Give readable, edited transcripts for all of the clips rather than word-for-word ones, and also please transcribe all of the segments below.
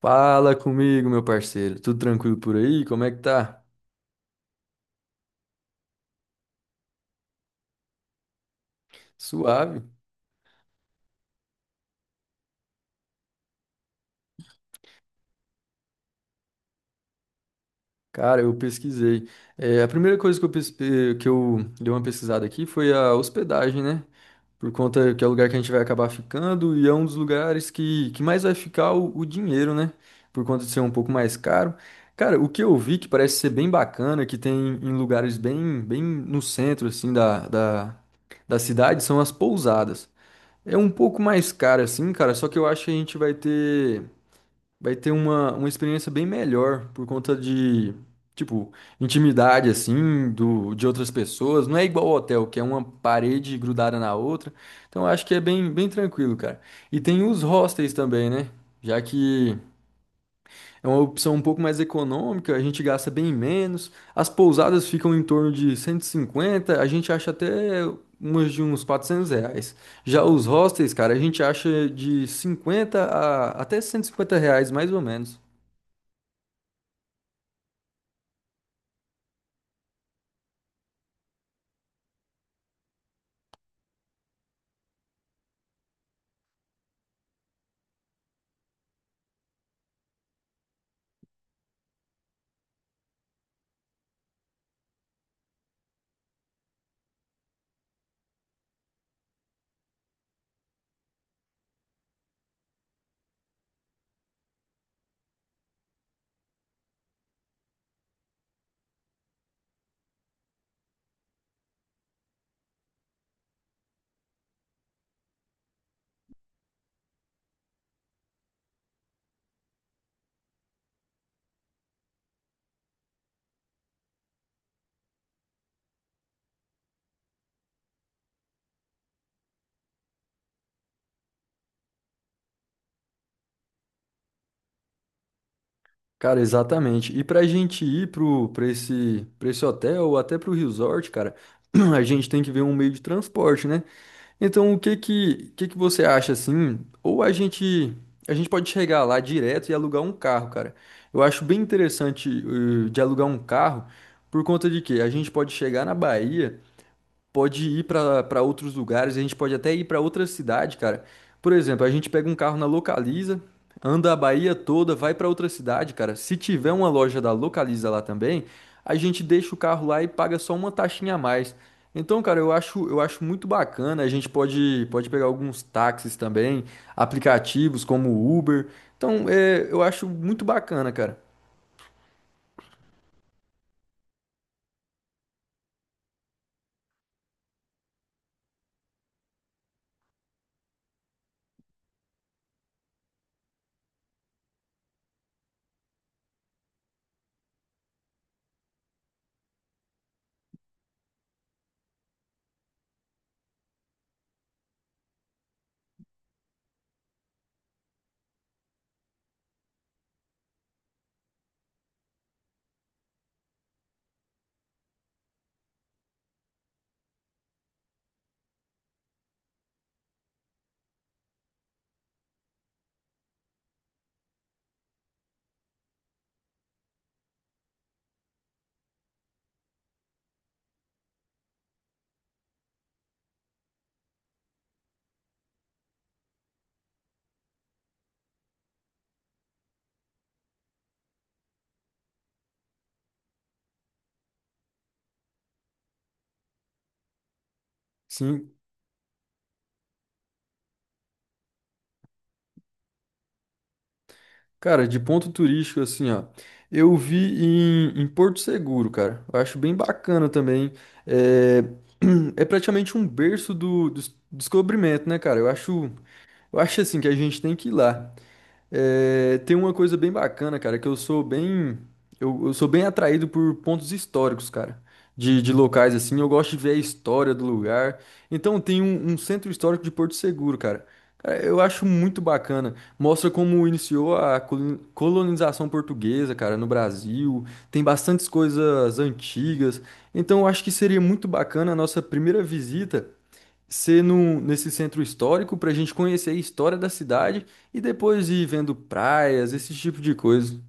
Fala comigo, meu parceiro. Tudo tranquilo por aí? Como é que tá? Suave. Cara, eu pesquisei. É, a primeira coisa que eu dei uma pesquisada aqui foi a hospedagem, né? Por conta que é o lugar que a gente vai acabar ficando e é um dos lugares que mais vai ficar o dinheiro, né? Por conta de ser um pouco mais caro. Cara, o que eu vi que parece ser bem bacana, que tem em lugares bem no centro, assim, da cidade, são as pousadas. É um pouco mais caro assim, cara, só que eu acho que a gente vai ter uma experiência bem melhor por conta de, tipo, intimidade assim, do de outras pessoas. Não é igual ao hotel, que é uma parede grudada na outra. Então eu acho que é bem bem tranquilo, cara. E tem os hostels também, né? Já que é uma opção um pouco mais econômica, a gente gasta bem menos. As pousadas ficam em torno de cento e cinquenta, a gente acha até umas de uns 400 reais. Já os hostels, cara, a gente acha de 50 a até 150 reais, mais ou menos. Cara, exatamente. E pra gente ir pra esse hotel ou até pro resort, cara, a gente tem que ver um meio de transporte, né? Então, que você acha assim? Ou a gente A gente pode chegar lá direto e alugar um carro, cara. Eu acho bem interessante de alugar um carro por conta de que a gente pode chegar na Bahia, pode ir pra para outros lugares, a gente pode até ir pra outra cidade, cara. Por exemplo, a gente pega um carro na Localiza, anda a Bahia toda, vai pra outra cidade, cara. Se tiver uma loja da Localiza lá também, a gente deixa o carro lá e paga só uma taxinha a mais. Então, cara, eu acho muito bacana. A gente pode pegar alguns táxis também, aplicativos como o Uber. Então, é, eu acho muito bacana, cara. Sim. Cara, de ponto turístico, assim, ó. Eu vi em Porto Seguro, cara. Eu acho bem bacana também. É, é praticamente um berço do descobrimento, né, cara? Eu acho assim que a gente tem que ir lá. É, tem uma coisa bem bacana, cara, que eu sou bem, eu sou bem atraído por pontos históricos, cara, de locais assim. Eu gosto de ver a história do lugar. Então tem um centro histórico de Porto Seguro, cara. Cara, eu acho muito bacana. Mostra como iniciou a colonização portuguesa, cara, no Brasil. Tem bastantes coisas antigas. Então eu acho que seria muito bacana a nossa primeira visita ser nesse centro histórico para a gente conhecer a história da cidade e depois ir vendo praias, esse tipo de coisa.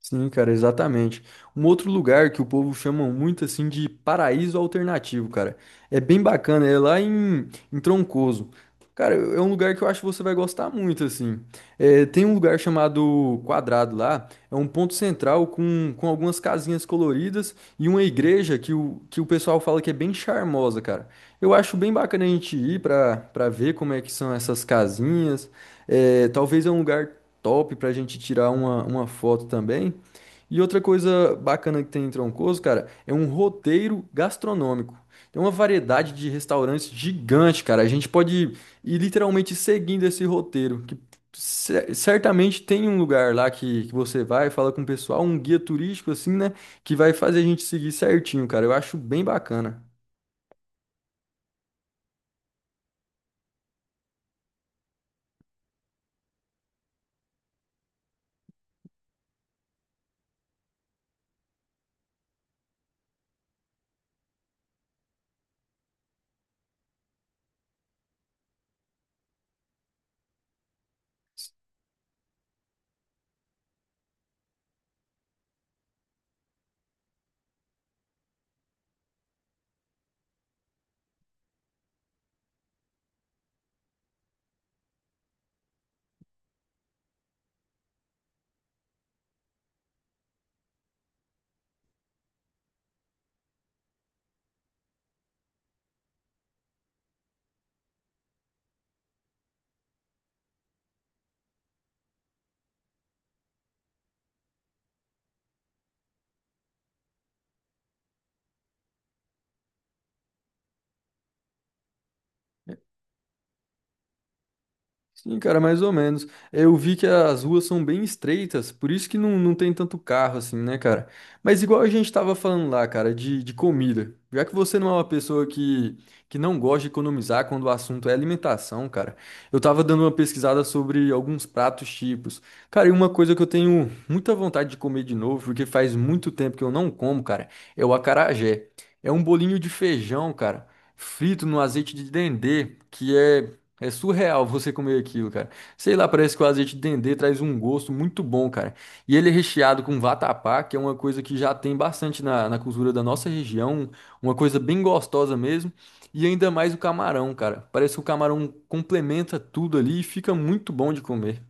Sim, cara, exatamente. Um outro lugar que o povo chama muito assim de paraíso alternativo, cara. É bem bacana, é lá em Troncoso. Cara, é um lugar que eu acho que você vai gostar muito, assim. É, tem um lugar chamado Quadrado lá, é um ponto central com algumas casinhas coloridas e uma igreja que o pessoal fala que é bem charmosa, cara. Eu acho bem bacana a gente ir pra ver como é que são essas casinhas. É, talvez é um lugar top pra gente tirar uma foto também. E outra coisa bacana que tem em Troncoso, cara, é um roteiro gastronômico. Tem uma variedade de restaurantes gigante, cara. A gente pode ir literalmente seguindo esse roteiro, que certamente tem um lugar lá que você vai, fala com o pessoal, um guia turístico assim, né, que vai fazer a gente seguir certinho, cara. Eu acho bem bacana. Sim, cara, mais ou menos. Eu vi que as ruas são bem estreitas, por isso que não, não tem tanto carro assim, né, cara? Mas igual a gente tava falando lá, cara, de comida. Já que você não é uma pessoa que não gosta de economizar quando o assunto é alimentação, cara, eu tava dando uma pesquisada sobre alguns pratos típicos. Cara, e uma coisa que eu tenho muita vontade de comer de novo, porque faz muito tempo que eu não como, cara, é o acarajé. É um bolinho de feijão, cara, frito no azeite de dendê, que é é surreal você comer aquilo, cara. Sei lá, parece que o azeite de dendê traz um gosto muito bom, cara. E ele é recheado com vatapá, que é uma coisa que já tem bastante na cultura da nossa região, uma coisa bem gostosa mesmo. E ainda mais o camarão, cara. Parece que o camarão complementa tudo ali e fica muito bom de comer.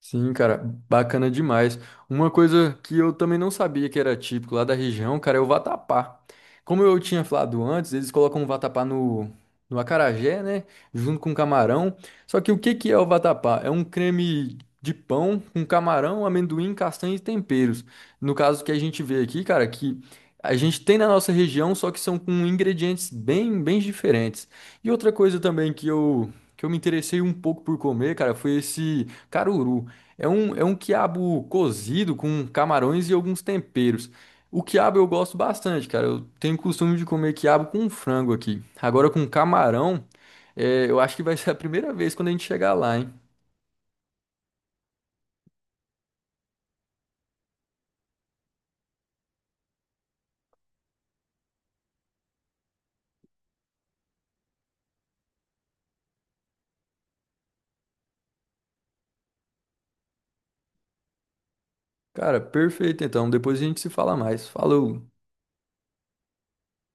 Sim, cara, bacana demais. Uma coisa que eu também não sabia que era típico lá da região, cara, é o vatapá. Como eu tinha falado antes, eles colocam o vatapá no acarajé, né? Junto com camarão. Só que o que que é o vatapá? É um creme de pão com camarão, amendoim, castanha e temperos. No caso que a gente vê aqui, cara, que a gente tem na nossa região, só que são com ingredientes bem diferentes. E outra coisa também que eu me interessei um pouco por comer, cara, foi esse caruru. É um quiabo cozido com camarões e alguns temperos. O quiabo eu gosto bastante, cara. Eu tenho costume de comer quiabo com frango aqui. Agora com camarão, é, eu acho que vai ser a primeira vez quando a gente chegar lá, hein? Cara, perfeito então. Depois a gente se fala mais. Falou!